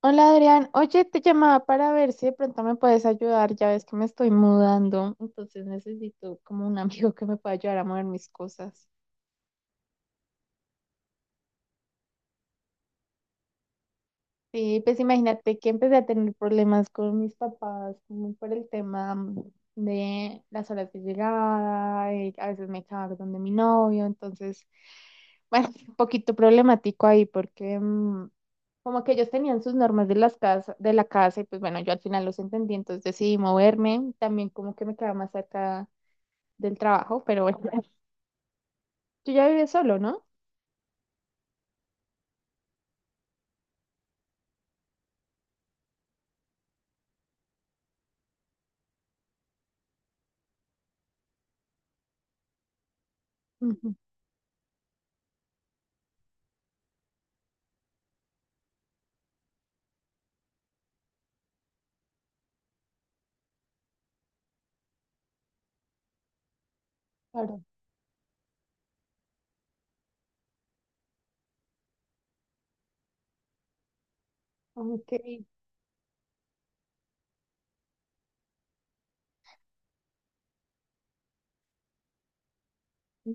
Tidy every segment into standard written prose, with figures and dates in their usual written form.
Hola Adrián, oye, te llamaba para ver si de pronto me puedes ayudar, ya ves que me estoy mudando, entonces necesito como un amigo que me pueda ayudar a mover mis cosas. Sí, pues imagínate que empecé a tener problemas con mis papás, como por el tema de las horas de llegada, y a veces me echaba donde mi novio, entonces, bueno, un poquito problemático ahí porque como que ellos tenían sus normas de la casa, y pues bueno, yo al final los entendí, entonces decidí moverme, también como que me quedaba más cerca del trabajo, pero bueno, tú ya vives solo, ¿no? Ujú. Claro. Aunque me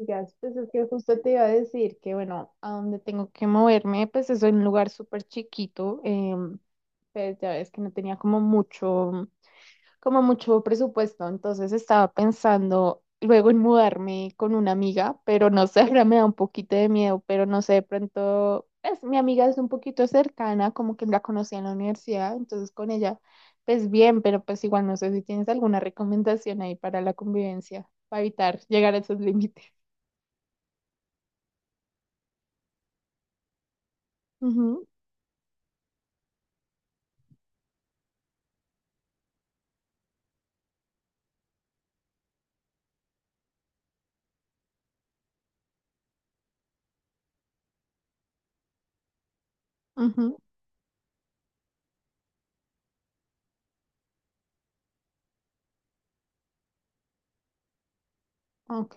digas, pues es que justo te iba a decir que bueno, a donde tengo que moverme, pues es un lugar súper chiquito, pues ya ves que no tenía como mucho presupuesto, entonces estaba pensando luego en mudarme con una amiga, pero no sé, ahora me da un poquito de miedo, pero no sé, de pronto, pues mi amiga es un poquito cercana, como que la conocí en la universidad, entonces con ella, pues bien, pero pues igual no sé si tienes alguna recomendación ahí para la convivencia, para evitar llegar a esos límites. Ujú, ujú, ok,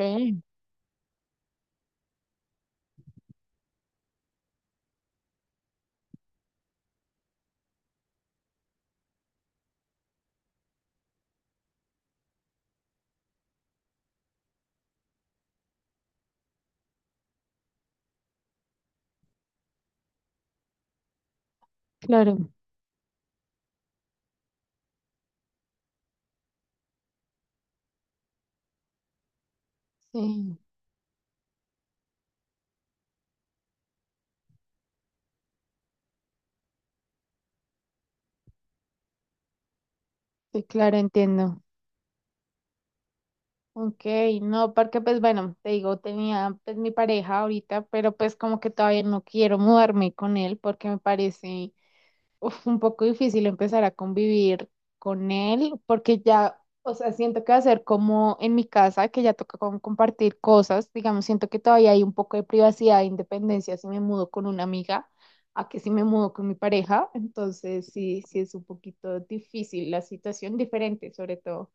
claro, sí, sí, claro, entiendo. Ok, no, porque pues bueno, te digo, tenía pues mi pareja ahorita, pero pues como que todavía no quiero mudarme con él porque me parece uf, un poco difícil empezar a convivir con él porque ya, o sea, siento que va a ser como en mi casa, que ya toca como compartir cosas, digamos, siento que todavía hay un poco de privacidad e independencia si me mudo con una amiga, a que si me mudo con mi pareja, entonces sí, sí es un poquito difícil la situación, diferente sobre todo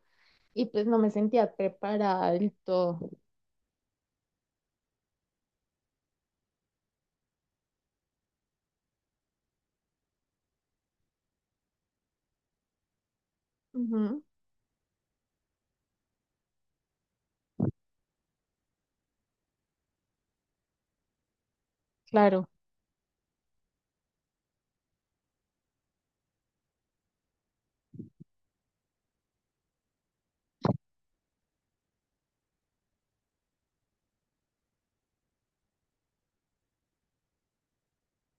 y pues no me sentía preparada del todo. Ujú, claro.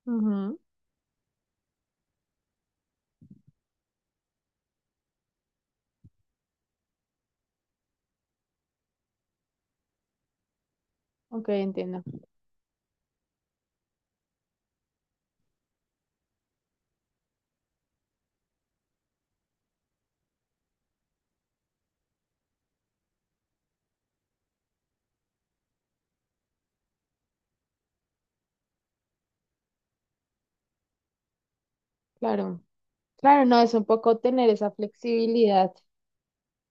Ujú. Ok, entiendo. Claro. Claro, no, es un poco tener esa flexibilidad,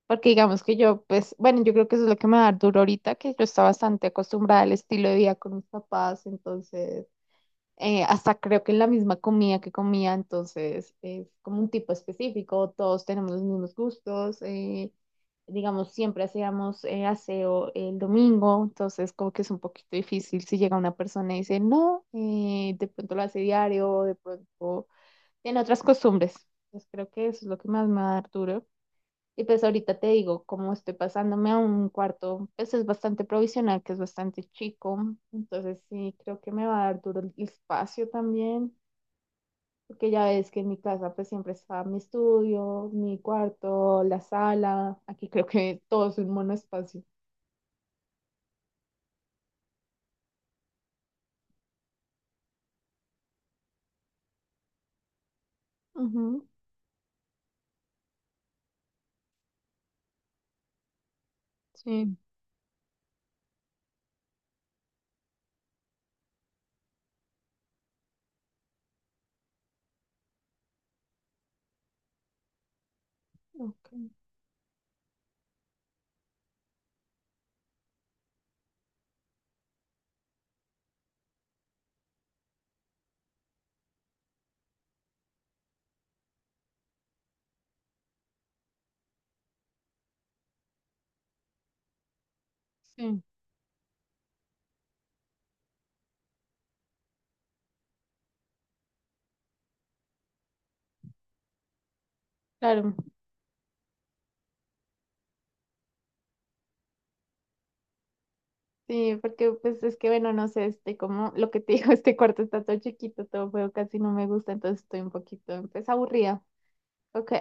porque digamos que yo, pues, bueno, yo creo que eso es lo que me da duro ahorita, que yo estaba bastante acostumbrada al estilo de vida con mis papás, entonces, hasta creo que en la misma comida que comía, entonces es como un tipo específico, todos tenemos los mismos gustos, digamos, siempre hacíamos aseo el domingo, entonces como que es un poquito difícil si llega una persona y dice, no, de pronto lo hace diario, de pronto tiene otras costumbres. Entonces creo que eso es lo que más me va a dar duro. Y pues ahorita te digo, como estoy pasándome a un cuarto, pues es bastante provisional, que es bastante chico. Entonces sí, creo que me va a dar duro el espacio también, porque ya ves que en mi casa pues siempre está mi estudio, mi cuarto, la sala. Aquí creo que todo es un monoespacio. Ujú, sí, ok, sí, claro. Sí, porque pues es que bueno, no sé, este como lo que te digo, este cuarto está todo chiquito, todo feo, casi no me gusta, entonces estoy un poquito pues aburrida. Ok.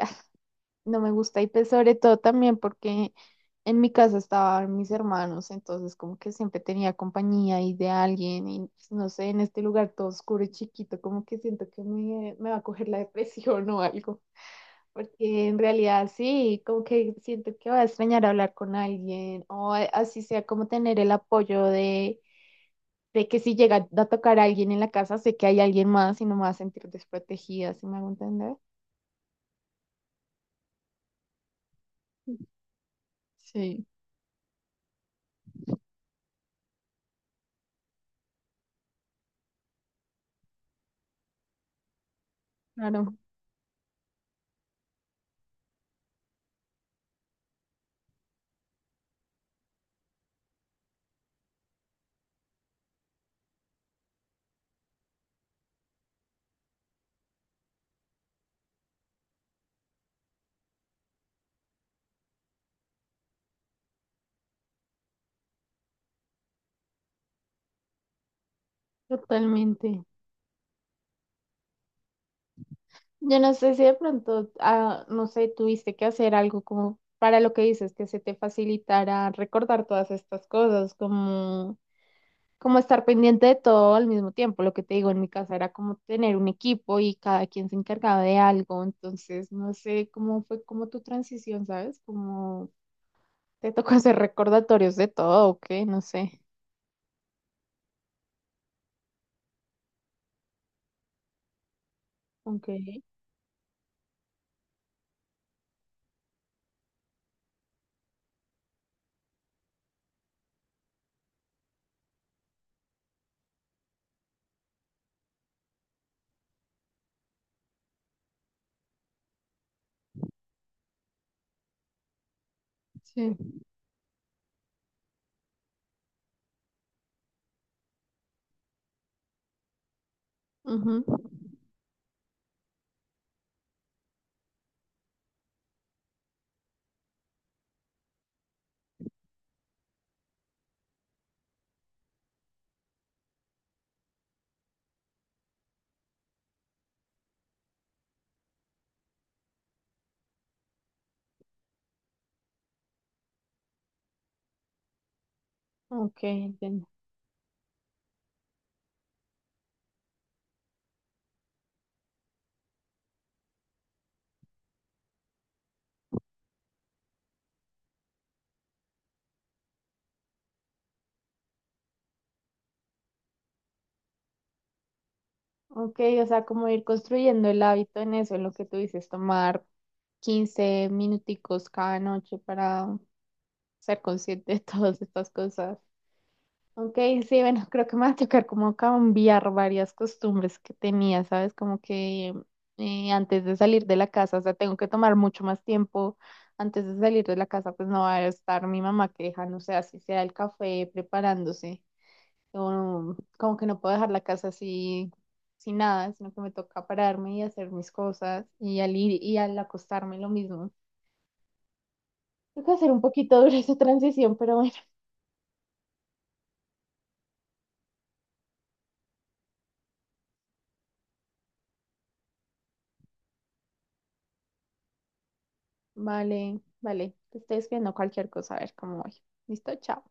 No me gusta y pues sobre todo también porque en mi casa estaban mis hermanos, entonces como que siempre tenía compañía y de alguien y pues, no sé, en este lugar todo oscuro y chiquito, como que siento que me va a coger la depresión o algo, porque en realidad sí, como que siento que va a extrañar hablar con alguien o así sea como tener el apoyo de que si llega a tocar a alguien en la casa, sé que hay alguien más y no me va a sentir desprotegida, ¿si me hago entender? Sí, claro, totalmente. Yo no sé si de pronto, ah, no sé, tuviste que hacer algo como para lo que dices, que se te facilitara recordar todas estas cosas, como, como estar pendiente de todo al mismo tiempo. Lo que te digo en mi casa era como tener un equipo y cada quien se encargaba de algo. Entonces, no sé cómo fue como tu transición, ¿sabes? Como te tocó hacer recordatorios de todo, ¿o qué? No sé. Ok, sí. Ujú. Ok, entiendo. Ok, o sea, como ir construyendo el hábito en eso, en lo que tú dices, tomar 15 minuticos cada noche para ser consciente de todas estas cosas. Ok, sí, bueno, creo que me va a tocar como cambiar varias costumbres que tenía, ¿sabes? Como que antes de salir de la casa, o sea, tengo que tomar mucho más tiempo. Antes de salir de la casa, pues no va a estar mi mamá que deja, no sé, así sea el café preparándose. Yo como que no puedo dejar la casa así, sin nada, sino que me toca pararme y hacer mis cosas y al ir y al acostarme lo mismo. Tengo que hacer un poquito dura esa transición, pero bueno, vale, vale. Te estoy escribiendo cualquier cosa, a ver cómo voy. ¿Listo? Chao.